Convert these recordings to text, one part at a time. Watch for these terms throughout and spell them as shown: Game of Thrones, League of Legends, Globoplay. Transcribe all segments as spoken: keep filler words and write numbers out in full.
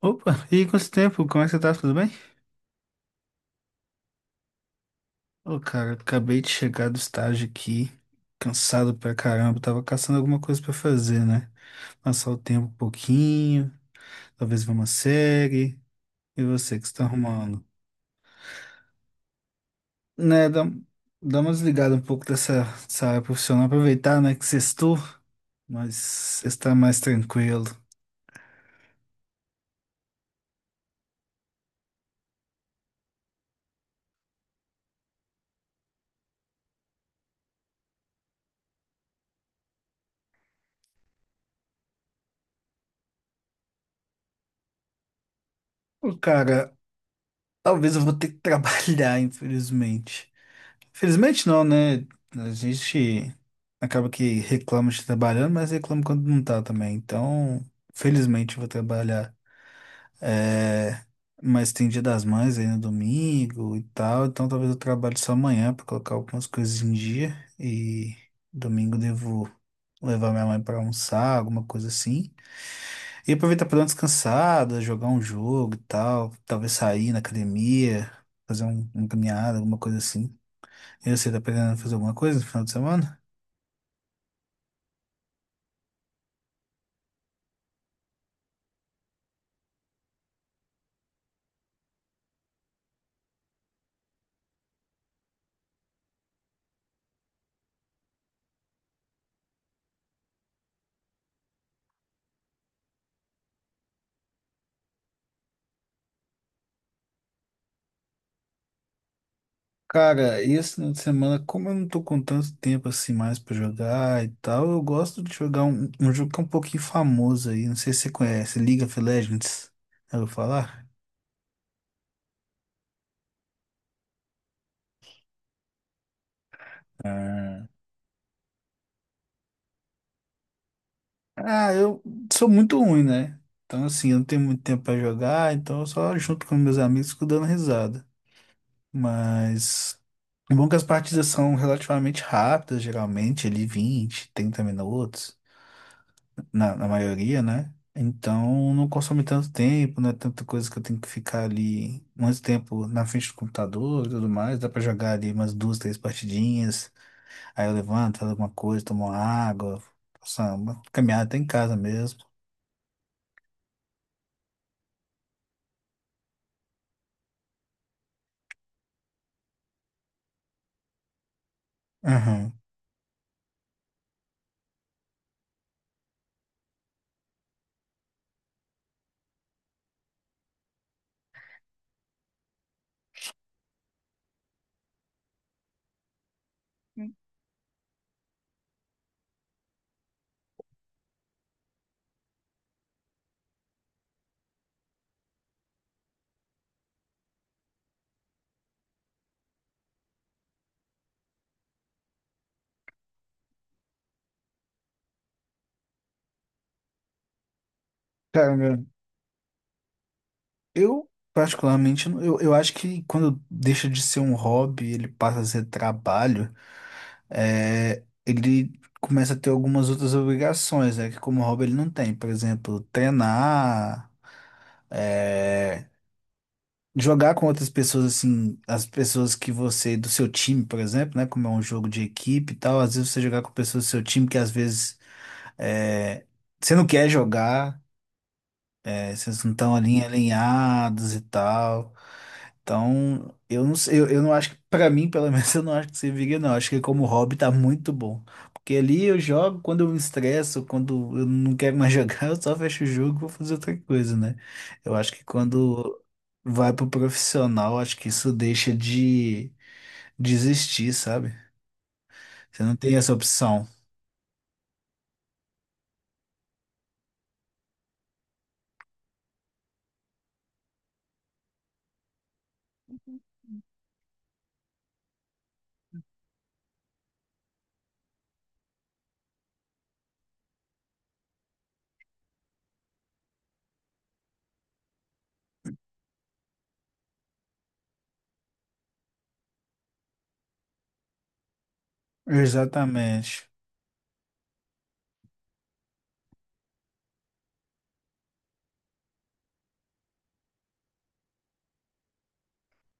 Opa, e aí, quanto tempo? Como é que você tá? Tudo bem? Ô, cara, acabei de chegar do estágio aqui, cansado pra caramba, tava caçando alguma coisa pra fazer, né? Passar o tempo um pouquinho, talvez ver uma série. E você que está arrumando? Né, dá, dá uma desligada um pouco dessa, dessa área profissional, aproveitar, né, que sextou, mas está mais tranquilo. Ô, cara, talvez eu vou ter que trabalhar, infelizmente. Felizmente não, né? A gente acaba que reclama de trabalhando, mas reclama quando não tá também. Então, felizmente eu vou trabalhar. É, mas tem Dia das Mães aí no domingo e tal, então talvez eu trabalhe só amanhã pra colocar algumas coisas em dia. E domingo devo levar minha mãe pra almoçar, alguma coisa assim. E aproveitar pra dar uma descansada, jogar um jogo e tal, talvez sair na academia, fazer um, uma caminhada, alguma coisa assim. E você tá pretendendo fazer alguma coisa no final de semana? Cara, e esse final de semana, como eu não tô com tanto tempo assim mais pra jogar e tal, eu gosto de jogar um, um jogo que é um pouquinho famoso aí, não sei se você conhece, League of Legends. Já ouviu falar? Ah, Ah, eu sou muito ruim, né? Então, assim, eu não tenho muito tempo pra jogar, então eu só junto com meus amigos fico dando risada. Mas é bom é que as partidas são relativamente rápidas, geralmente, ali vinte, trinta minutos. na, na maioria, né? Então não consome tanto tempo, não é tanta coisa que eu tenho que ficar ali muito tempo na frente do computador e tudo mais. Dá pra jogar ali umas duas, três partidinhas. Aí eu levanto, faço alguma coisa, tomo uma água, faço uma caminhada até em casa mesmo. Aham. Cara, Eu, particularmente, não- eu, eu acho que quando deixa de ser um hobby, ele passa a ser trabalho, é, ele começa a ter algumas outras obrigações, né? Que como hobby ele não tem. Por exemplo, treinar, é, jogar com outras pessoas, assim, as pessoas que você, do seu time, por exemplo, né? Como é um jogo de equipe e tal, às vezes você jogar com pessoas do seu time que às vezes é, você não quer jogar. É, vocês não estão ali alinhados e tal. Então, eu não sei, eu, eu não acho que, pra mim, pelo menos, eu não acho que serviria, não. Acho que como hobby tá muito bom. Porque ali eu jogo quando eu me estresso, quando eu não quero mais jogar, eu só fecho o jogo e vou fazer outra coisa, né? Eu acho que quando vai pro profissional, acho que isso deixa de desistir, sabe? Você não tem essa opção. Exatamente.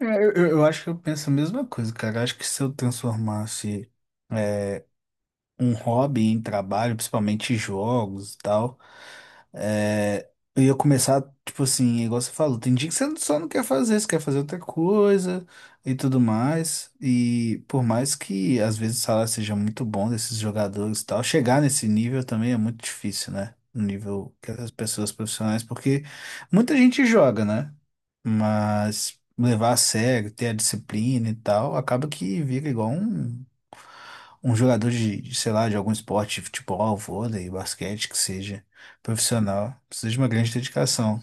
É, Eu, eu eu acho que eu penso a mesma coisa, cara. Acho que se eu transformasse um hobby em trabalho, principalmente jogos e tal, é, eu ia começar, tipo assim, igual você falou, tem dia que você só não quer fazer, você quer fazer outra coisa e tudo mais. E por mais que às vezes o salário seja muito bom desses jogadores e tal, chegar nesse nível também é muito difícil, né? No nível que as pessoas profissionais, porque muita gente joga, né? Mas levar a sério, ter a disciplina e tal, acaba que vira igual um um jogador de, de, sei lá, de algum esporte, futebol, vôlei, basquete, que seja profissional, precisa de uma grande dedicação.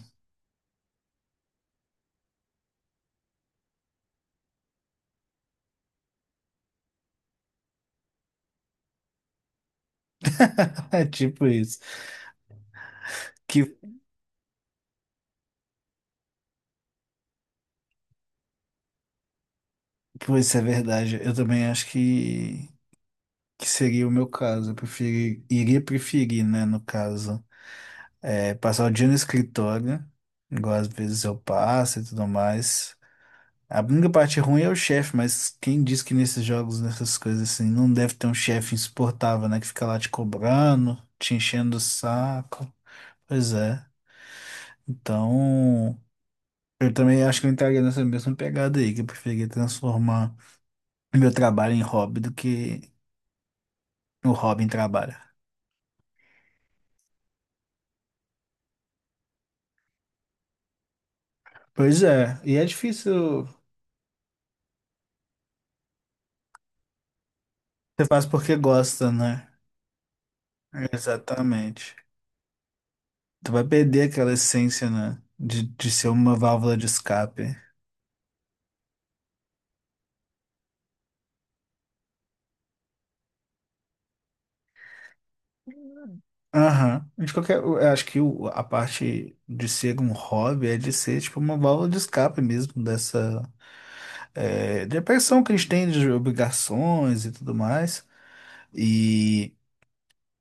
É tipo isso. Que, pô, isso é verdade. Eu também acho que, que seria o meu caso. Eu preferi, iria preferir, né, no caso, é, passar o dia no escritório, igual às vezes eu passo e tudo mais. A única parte ruim é o chefe, mas quem diz que nesses jogos, nessas coisas assim, não deve ter um chefe insuportável, né? Que fica lá te cobrando, te enchendo o saco. Pois é. Então, eu também acho que eu entraria nessa mesma pegada aí, que eu preferia transformar meu trabalho em hobby do que o hobby em trabalho. Pois é, e é difícil, você faz porque gosta, né? Exatamente. Tu vai perder aquela essência, né? De, de ser uma válvula de escape. Aham. De qualquer, eu acho que o- a parte de ser um hobby é de ser tipo uma válvula de escape mesmo dessa é, depressão que a gente tem de obrigações e tudo mais. E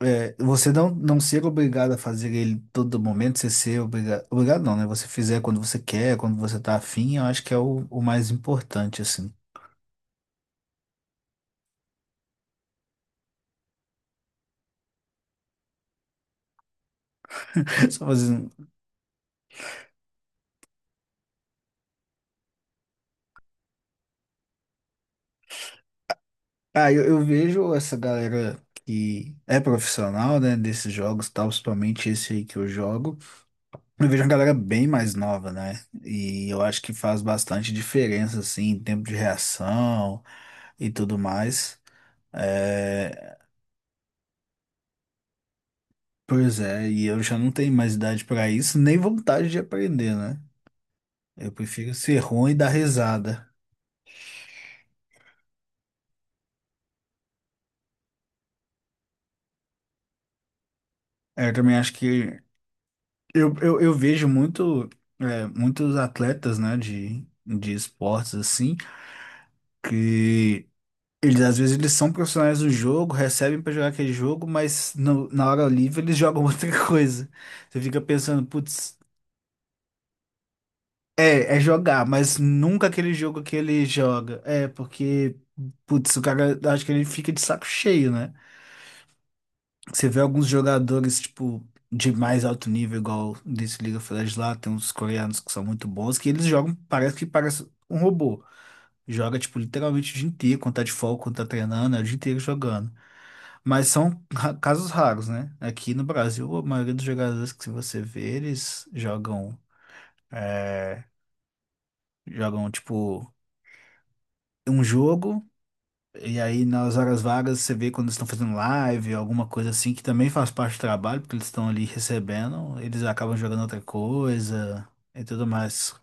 é, você não, não ser obrigado a fazer ele todo momento, você ser obrigado. Obrigado não, né? Você fizer quando você quer, quando você tá afim, eu acho que é o, o mais importante, assim. Só fazendo. Ah, eu, eu vejo essa galera que é profissional, né? Desses jogos, e tal, principalmente esse aí que eu jogo. Eu vejo uma galera bem mais nova, né? E eu acho que faz bastante diferença, assim, em tempo de reação e tudo mais. É, Pois é, e eu já não tenho mais idade pra isso, nem vontade de aprender, né? Eu prefiro ser ruim e dar risada. É, Eu também acho que eu, eu, eu vejo muito, é, muitos atletas, né, de, de esportes assim, que eles às vezes eles são profissionais do jogo, recebem pra jogar aquele jogo, mas no- na hora livre eles jogam outra coisa. Você fica pensando, putz, é, é jogar, mas nunca aquele jogo que ele joga. É, porque putz, o cara acho que ele fica de saco cheio, né? Você vê alguns jogadores, tipo, de mais alto nível, igual desse League of Legends lá, tem uns coreanos que são muito bons, que eles jogam, parece que parece um robô. Joga, tipo, literalmente o dia inteiro, quando tá de folga, quando tá treinando, é o dia inteiro jogando. Mas são ra- casos raros, né? Aqui no Brasil, a maioria dos jogadores que você vê, eles jogam, é, jogam, tipo, um jogo. E aí, nas horas vagas, você vê quando eles estão fazendo live, alguma coisa assim, que também faz parte do trabalho, porque eles estão ali recebendo, eles acabam jogando outra coisa e tudo mais.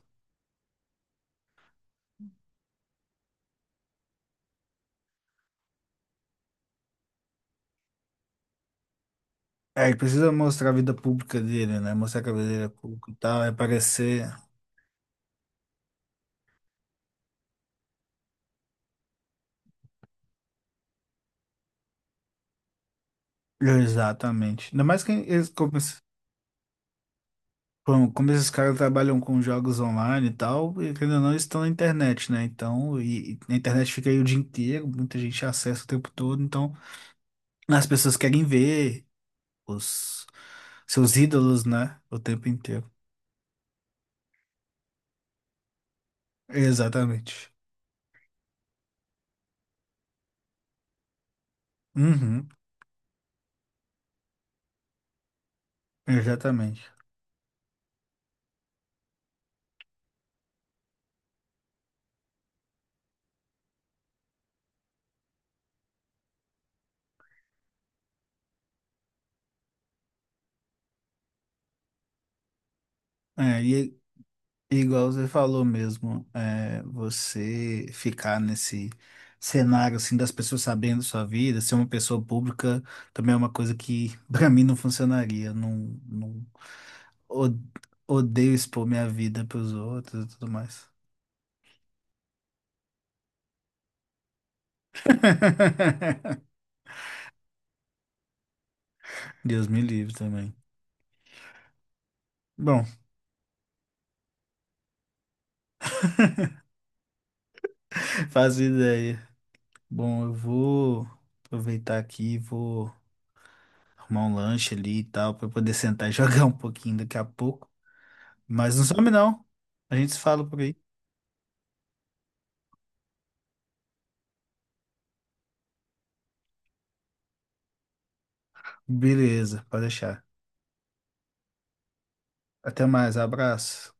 É, ele precisa mostrar a vida pública dele, né? Mostrar que a vida dele é pública e tal, é parecer. Exatamente. Ainda mais que eles, como, esse- como, como esses caras trabalham com jogos online e tal, e querendo ou não, eles estão na internet, né? Então, e, e a internet fica aí o dia inteiro, muita gente acessa o tempo todo, então as pessoas querem ver. os Seus ídolos, né? O tempo inteiro. Exatamente. Uhum, exatamente. É, e e igual você falou mesmo, é, você ficar nesse cenário assim das pessoas sabendo sua vida, ser uma pessoa pública, também é uma coisa que pra mim não funcionaria. Não, não o- odeio expor minha vida pros outros e tudo mais. Deus me livre também. Bom, faz ideia. Bom, eu vou aproveitar aqui e vou arrumar um lanche ali e tal, pra poder sentar e jogar um pouquinho daqui a pouco. Mas não some não. A gente se fala por aí. Beleza, pode deixar. Até mais, abraço.